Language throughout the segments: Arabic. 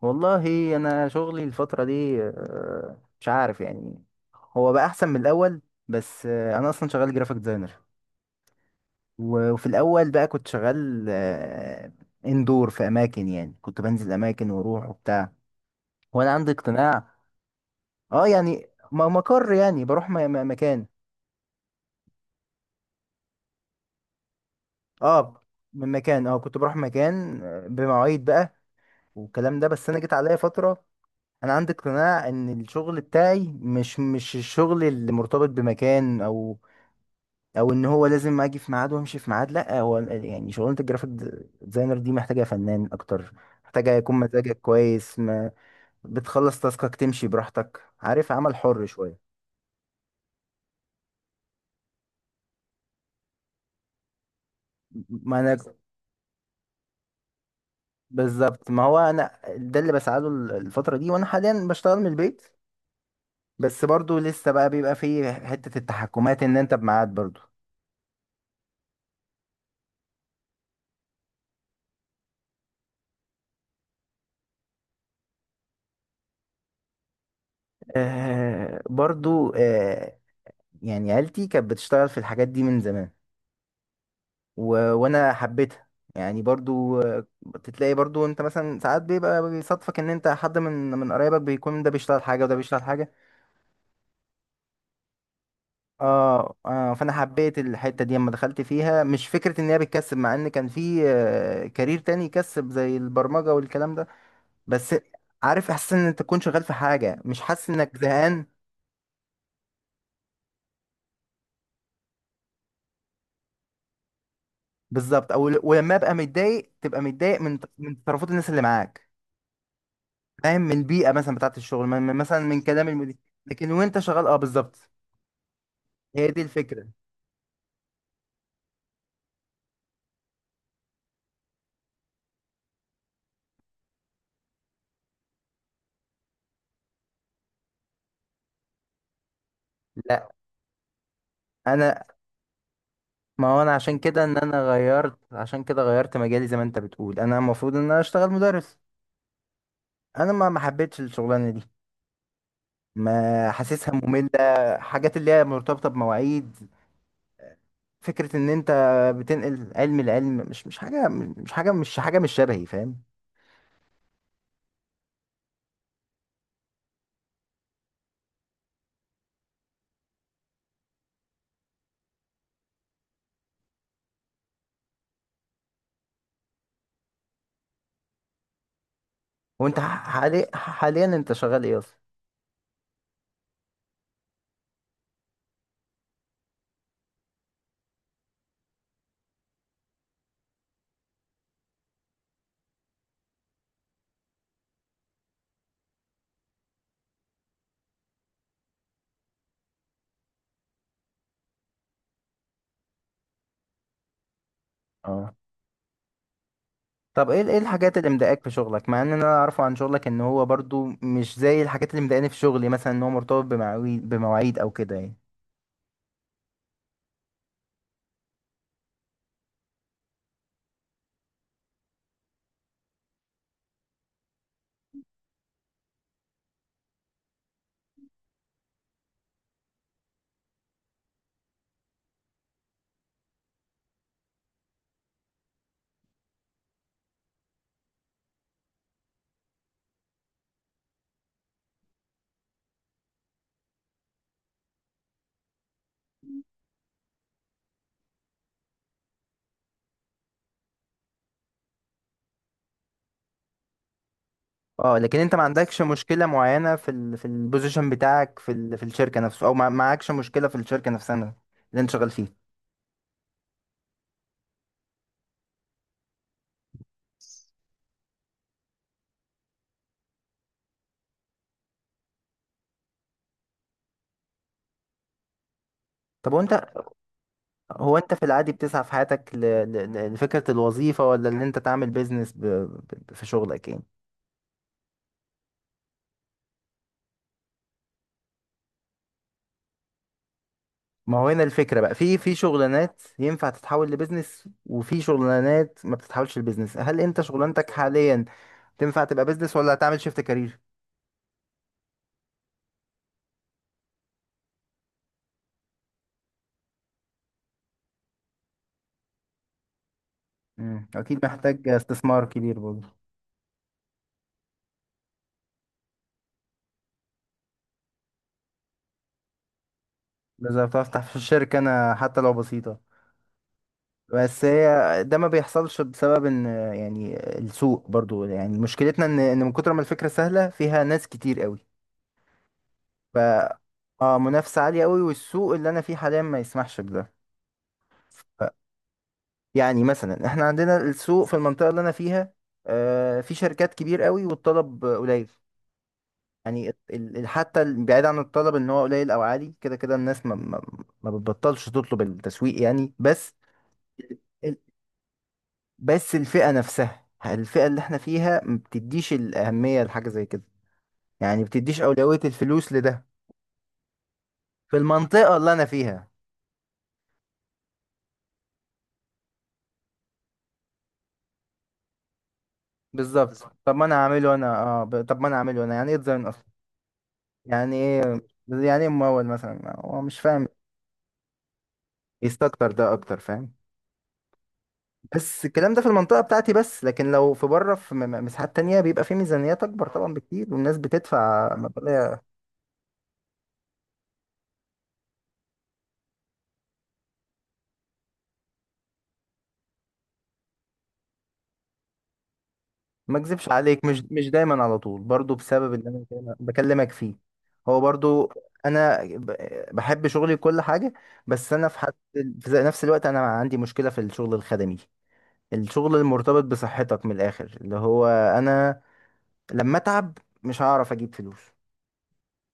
والله انا شغلي الفتره دي، مش عارف يعني. هو بقى احسن من الاول، بس انا اصلا شغال جرافيك ديزاينر. و- وفي الاول بقى كنت شغال، اندور في اماكن، يعني كنت بنزل اماكن واروح وبتاع، وانا عندي اقتناع. اه يعني مقر، يعني بروح مكان. اه من مكان. اه كنت بروح مكان بمواعيد بقى والكلام ده. بس انا جيت عليا فتره. انا عندي اقتناع ان الشغل بتاعي مش الشغل اللي مرتبط بمكان، او ان هو لازم اجي في ميعاد وامشي في ميعاد. لا، هو يعني شغلانه الجرافيك ديزاينر دي محتاجه فنان اكتر، محتاجه يكون مزاجك كويس، ما بتخلص تاسكك تمشي براحتك، عارف؟ عمل حر شويه. ما انا بالظبط، ما هو انا ده اللي بسعى له الفتره دي، وانا حاليا بشتغل من البيت. بس برضو لسه بقى بيبقى فيه حته التحكمات، ان انت بميعاد برضو. برضو، يعني عيلتي كانت بتشتغل في الحاجات دي من زمان، و... وانا حبيتها. يعني برضو بتلاقي برضو انت مثلا ساعات بيبقى بيصادفك ان انت حد من قرايبك بيكون، ده بيشتغل حاجه وده بيشتغل حاجه. فانا حبيت الحته دي اما دخلت فيها، مش فكره ان هي بتكسب، مع ان كان في كارير تاني يكسب زي البرمجه والكلام ده. بس عارف احساس ان انت تكون شغال في حاجه مش حاسس انك زهقان. بالظبط، او ولما ابقى متضايق تبقى متضايق من تصرفات الناس اللي معاك. فاهم، من البيئه مثلا بتاعت الشغل، مثلا من كلام المدير. لكن وانت شغال، بالظبط. هي دي الفكره. لا انا، ما هو انا عشان كده ان انا غيرت، عشان كده غيرت مجالي زي ما انت بتقول، انا المفروض ان انا اشتغل مدرس. انا ما حبيتش الشغلانه دي، ما حاسسها ممله، حاجات اللي هي مرتبطه بمواعيد. فكره ان انت بتنقل علم، العلم مش حاجه، مش حاجه، مش حاجه، مش شبهي، فاهم؟ وانت حاليا انت شغال ايه اصلا؟ اه طب ايه الحاجات اللي مضايقاك في شغلك؟ مع ان انا اعرفه عن شغلك ان هو برضو مش زي الحاجات اللي مضايقاني في شغلي، مثلا ان هو مرتبط بمواعيد او كده يعني. اه لكن انت ما عندكش مشكلة معينة في البوزيشن بتاعك، في الشركة نفسه، او ما معكش مشكلة في الشركة نفسها اللي انت شغال فيه؟ طب وانت، هو انت في العادي بتسعى في حياتك لفكرة الوظيفة، ولا ان انت تعمل بيزنس في شغلك يعني؟ ما هو هنا الفكرة بقى، في شغلانات ينفع تتحول لبزنس، وفي شغلانات ما بتتحولش لبزنس. هل انت شغلانتك حاليا تنفع تبقى بزنس ولا هتعمل شيفت كارير؟ مم. اكيد محتاج استثمار كبير برضه، لازم افتح في الشركة انا حتى لو بسيطة. بس هي ده ما بيحصلش بسبب ان، يعني السوق برضه، يعني مشكلتنا ان من كتر ما الفكرة سهلة فيها ناس كتير قوي. ف اه منافسة عالية قوي، والسوق اللي انا فيه حاليا ما يسمحش بده. يعني مثلا احنا عندنا السوق في المنطقة اللي انا فيها، في شركات كبير قوي والطلب قليل. يعني حتى بعيد عن الطلب ان هو قليل او عالي، كده كده الناس ما بتبطلش تطلب التسويق يعني. ال- بس الفئة نفسها، الفئة اللي احنا فيها ما بتديش الأهمية لحاجة زي كده. يعني بتديش أولوية الفلوس لده، في المنطقة اللي انا فيها. بالظبط. طب ما انا هعمله انا، يعني ايه ديزاين اصلا؟ يعني ايه يعني ايه ممول مثلا هو مش فاهم. ايست اكتر، ده اكتر فاهم. بس الكلام ده في المنطقة بتاعتي بس، لكن لو في بره في مساحات تانية بيبقى في ميزانيات اكبر طبعا بكتير، والناس بتدفع مبالغ. ما اكذبش عليك، مش دايما على طول، برضو بسبب اللي انا بكلمك فيه. هو برضو انا بحب شغلي كل حاجة. بس انا في حد، في نفس الوقت انا عندي مشكلة في الشغل الخدمي. الشغل المرتبط بصحتك، من الاخر، اللي هو انا لما اتعب مش هعرف اجيب فلوس.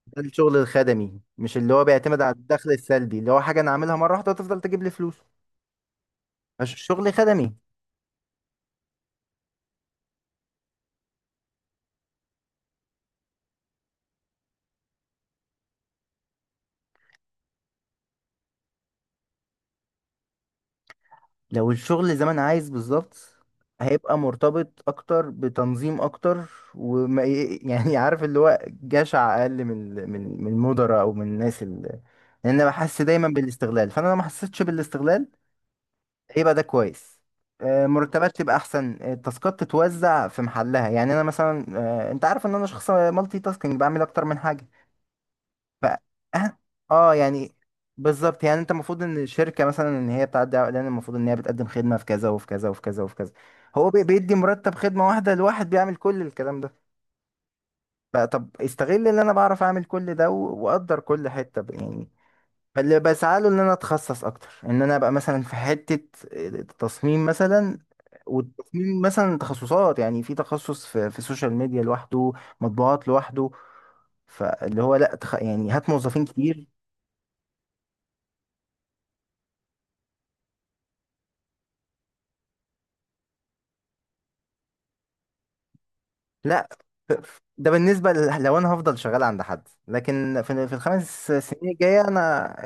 ده الشغل الخدمي، مش اللي هو بيعتمد على الدخل السلبي اللي هو حاجة أنا أعملها مرة واحدة تفضل تجيب لي فلوس. مش شغل خدمي. لو الشغل زي ما أنا عايز بالظبط، هيبقى مرتبط أكتر بتنظيم أكتر، وما يعني عارف اللي هو جشع أقل من المدراء، أو من الناس اللي. لأن أنا بحس دايما بالاستغلال، فأنا لو ما حسيتش بالاستغلال هيبقى ده كويس. مرتبات تبقى احسن، التاسكات تتوزع في محلها، يعني انا مثلا، انت عارف ان انا شخص مالتي تاسكينج، بعمل اكتر من حاجه. ف اه اه يعني بالظبط، يعني انت المفروض ان الشركه مثلا ان هي بتعدي على اعلان، المفروض ان هي بتقدم خدمه في كذا وفي كذا وفي كذا وفي كذا. هو بيدي مرتب خدمه واحده لواحد بيعمل كل الكلام ده. طب استغل ان انا بعرف اعمل كل ده، و- واقدر كل حته يعني. فاللي بسعى له ان انا اتخصص اكتر، ان انا ابقى مثلا في حته التصميم مثلا، والتصميم مثلا تخصصات، يعني في تخصص في السوشيال ميديا لوحده، مطبوعات لوحده. فاللي هو لا، يعني هات موظفين كتير. لا، ده بالنسبة لو أنا هفضل شغال عند حد، لكن في ال5 سنين الجاية أنا.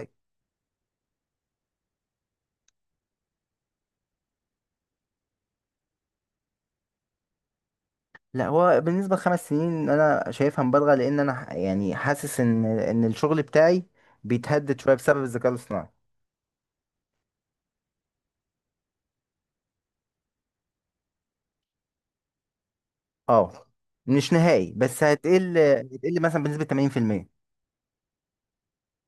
لا، هو بالنسبة ل5 سنين أنا شايفها مبالغة، لأن أنا يعني حاسس إن الشغل بتاعي بيتهدد شوية بسبب الذكاء الاصطناعي. أه مش نهائي، بس هتقل مثلا بنسبة 80%.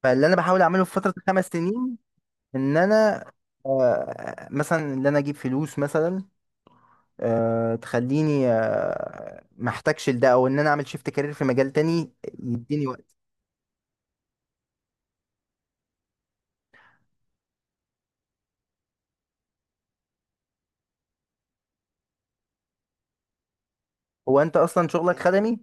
فاللي أنا بحاول أعمله في فترة ال5 سنين، إن أنا مثلا إن أنا أجيب فلوس مثلا، تخليني ما احتاجش لده، او ان انا اعمل شيفت كارير في مجال تاني يديني وقت. هو انت اصلا شغلك خدمي.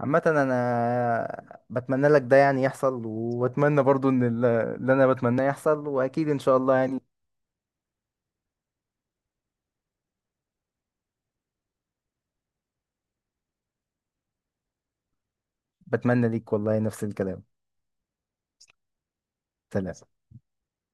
عامة انا بتمنى لك ده يعني يحصل، واتمنى برضو ان اللي انا بتمناه يحصل، واكيد ان شاء الله يعني. بتمنى ليك والله نفس الكلام. سلام.